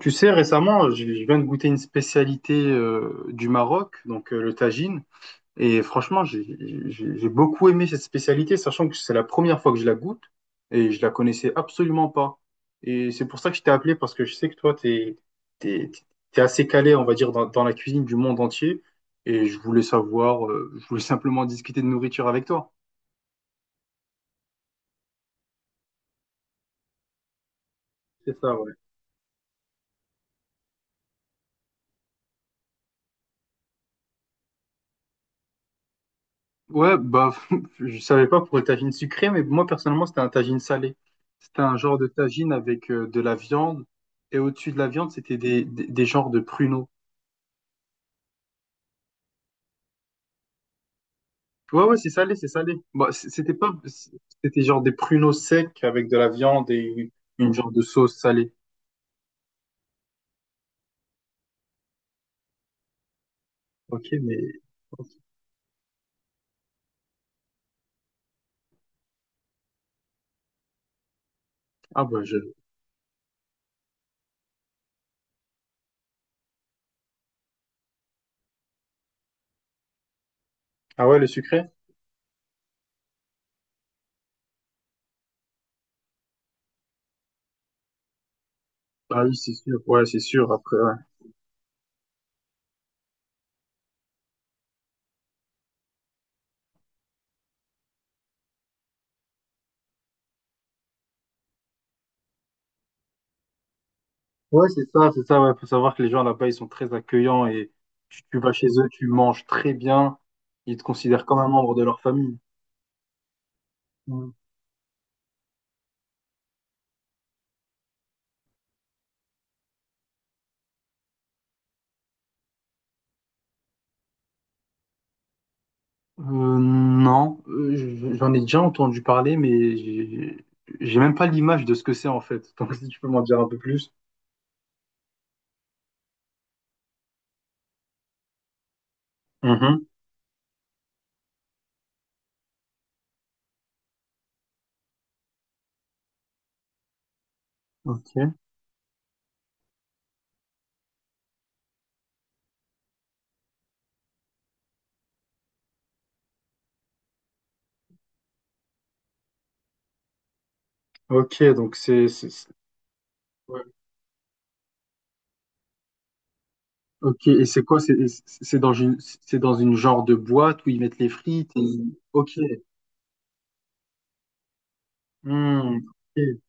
Tu sais, récemment, je viens de goûter une spécialité du Maroc, donc le tagine. Et franchement, j'ai beaucoup aimé cette spécialité, sachant que c'est la première fois que je la goûte et je la connaissais absolument pas. Et c'est pour ça que je t'ai appelé, parce que je sais que toi, t'es, t'es assez calé, on va dire, dans la cuisine du monde entier. Et je voulais savoir, je voulais simplement discuter de nourriture avec toi. C'est ça, ouais. Ouais, bah, je savais pas pour le tagine sucré, mais moi personnellement, c'était un tagine salé. C'était un genre de tagine avec de la viande, et au-dessus de la viande, c'était des genres de pruneaux. Ouais, ouais, c'est salé, c'est salé. Bah, c'était pas, c'était genre des pruneaux secs avec de la viande et une genre de sauce salée. Ok, mais ok. ah bah je, ah ouais, le sucré? Ah oui, c'est sûr. Ouais, c'est sûr. Après, ouais. Ouais, c'est ça, ouais. Faut savoir que les gens là-bas, ils sont très accueillants et tu vas chez eux, tu manges très bien. Ils te considèrent comme un membre de leur famille. Mm. Non, j'en ai déjà entendu parler, mais j'ai même pas l'image de ce que c'est en fait. Donc si tu peux m'en dire un peu plus. Mhm. Ok. Ok, donc c'est- ouais. Ok, et c'est quoi? C'est dans une c'est dans une genre de boîte où ils mettent les frites. Et- Ok. Hmm, ok.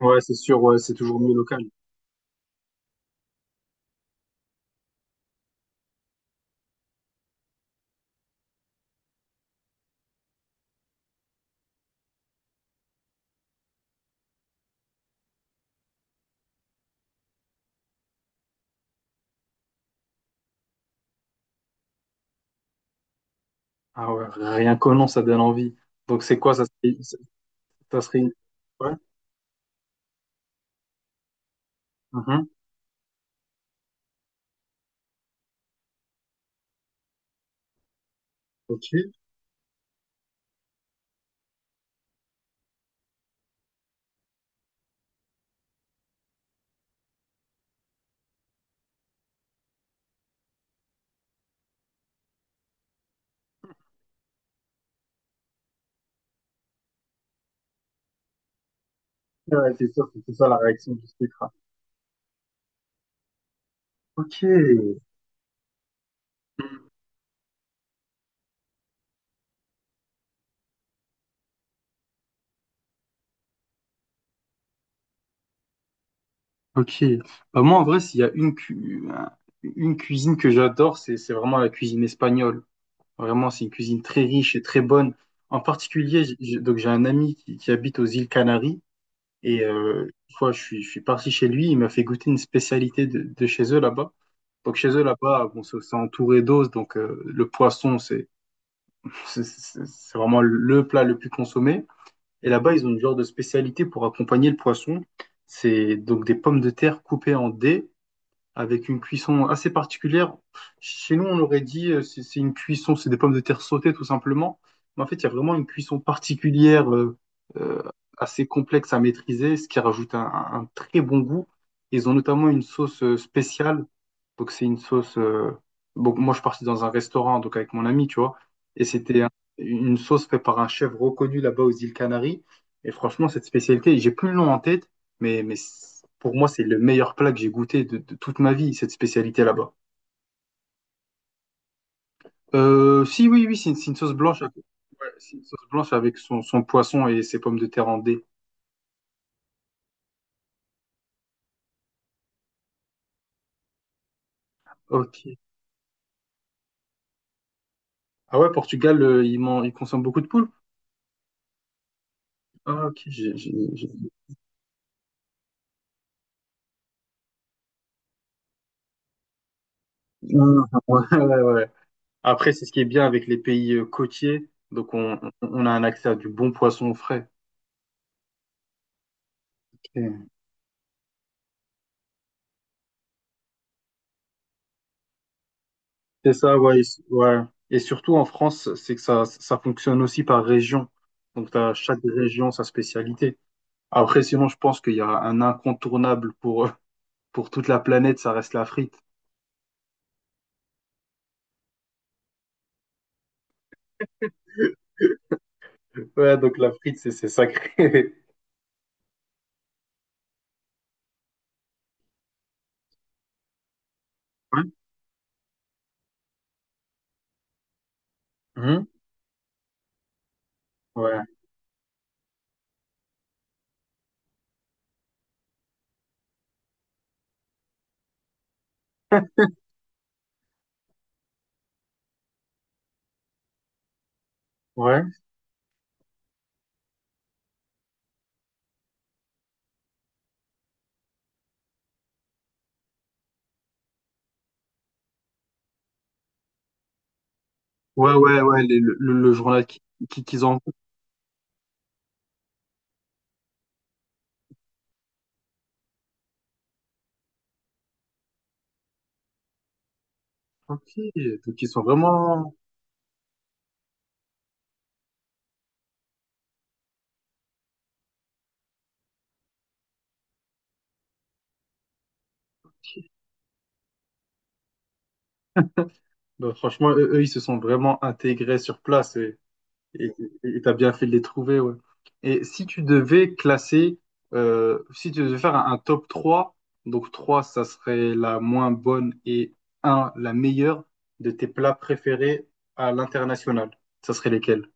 Ouais, c'est sûr. Ouais, c'est toujours mieux local. Ah ouais, rien qu'au nom, ça donne envie. Donc c'est quoi, ça serait, ça serait une. Ouais. Mhm, ok. Ouais, ouais, c'est sûr, c'est ça la réaction du spectre. Ok. Mm. Ok. Bah, moi, en vrai, s'il y a une, une cuisine que j'adore, c'est vraiment la cuisine espagnole. Vraiment, c'est une cuisine très riche et très bonne. En particulier, j'ai un ami qui habite aux îles Canaries. Et une fois, je suis parti chez lui, il m'a fait goûter une spécialité de chez eux là-bas. Donc chez eux là-bas, bon, c'est entouré d'os, donc le poisson, c'est vraiment le plat le plus consommé. Et là-bas, ils ont une genre de spécialité pour accompagner le poisson. C'est donc des pommes de terre coupées en dés avec une cuisson assez particulière. Chez nous, on aurait dit c'est une cuisson, c'est des pommes de terre sautées tout simplement. Mais en fait, il y a vraiment une cuisson particulière euh, assez complexe à maîtriser, ce qui rajoute un très bon goût. Ils ont notamment une sauce spéciale. Donc c'est une sauce. Bon, moi, je suis parti dans un restaurant donc avec mon ami, tu vois, et c'était une sauce faite par un chef reconnu là-bas aux îles Canaries. Et franchement, cette spécialité, j'ai plus le nom en tête. Mais pour moi, c'est le meilleur plat que j'ai goûté de toute ma vie, cette spécialité là-bas. Si, oui, oui, c'est une sauce blanche. Avec- ouais, c'est une sauce blanche avec son poisson et ses pommes de terre en dés. Ok. Ah ouais, Portugal, ils consomment beaucoup de poules. Ah, ok. Ah, ouais, ouais, ouais. Après, c'est ce qui est bien avec les pays côtiers. Donc, on a un accès à du bon poisson frais. Ok. C'est ça, ouais, et- s- ouais. Et surtout en France, c'est que ça fonctionne aussi par région. Donc, tu as chaque région sa spécialité. Après, sinon, je pense qu'il y a un incontournable pour toute la planète, ça reste la frite. Ouais, donc la frite, c'est sacré. Ouais. Mhm. Ouais, ouais. Ouais, ouais, ouais, le journal qu'ils ont. Ok, donc ils sont vraiment. Bah, franchement, eux, ils se sont vraiment intégrés sur place. Et tu as bien fait de les trouver, ouais. Et si tu devais classer, si tu devais faire un top 3, donc 3 ça serait la moins bonne et un la meilleure de tes plats préférés à l'international, ça serait lesquels?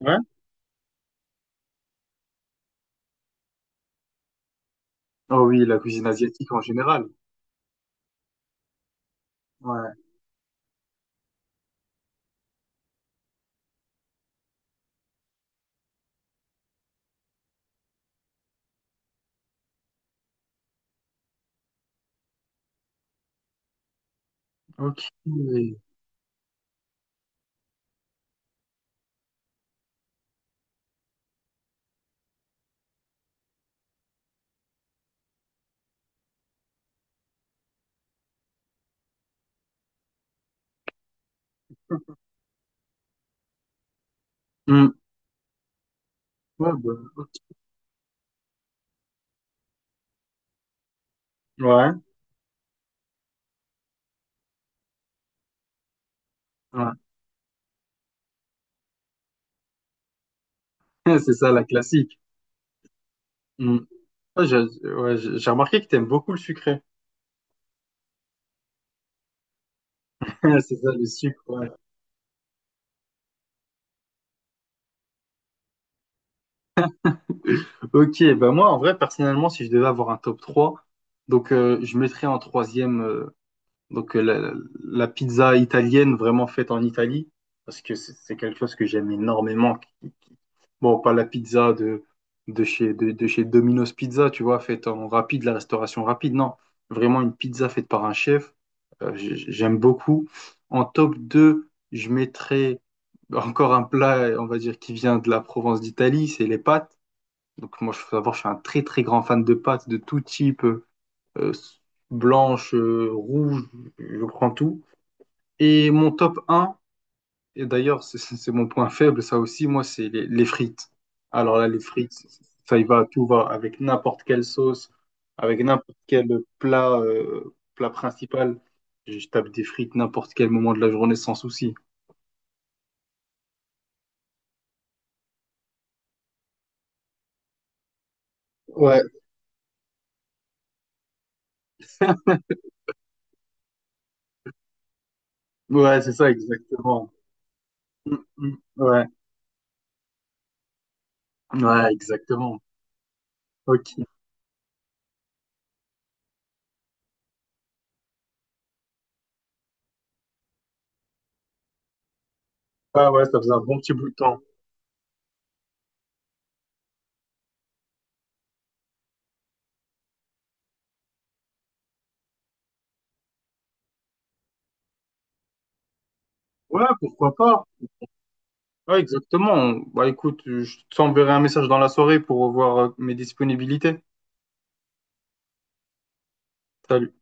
Ouais. Oh oui, la cuisine asiatique en général. Ouais. Ok. Hmm. Ouais, bah, ok. Ouais. Ouais. C'est ça, la classique. Hmm. Ouais, j'ai ouais, j'ai remarqué que t'aimes beaucoup le sucré. C'est ça, le sucre. Ouais. Ok, bah moi en vrai personnellement si je devais avoir un top 3, donc je mettrais en troisième donc euh, la, la pizza italienne vraiment faite en Italie parce que c'est quelque chose que j'aime énormément. Qui- qui- bon, pas la pizza de chez Domino's Pizza, tu vois, faite en rapide, la restauration rapide, non, vraiment une pizza faite par un chef, j'aime beaucoup. En top 2 je mettrais encore un plat, on va dire, qui vient de la Provence d'Italie, c'est les pâtes. Donc moi, je faut savoir, je suis un très très grand fan de pâtes de tout type, euh, blanche, rouge, je prends tout. Et mon top un et d'ailleurs c'est mon point faible, ça aussi, moi, c'est les frites. Alors là, les frites, ça y va, tout va, avec n'importe quelle sauce, avec n'importe quel plat, plat principal. Je tape des frites n'importe quel moment de la journée sans souci. Ouais, ouais, c'est ça, exactement. Mm, mm, ouais, ouais, exactement. Ok. Ouais, ouais, ça faisait un bon petit bout de temps. Ouais, pourquoi pas? Ouais, exactement. Bah écoute, je t'enverrai un message dans la soirée pour voir mes disponibilités. Salut.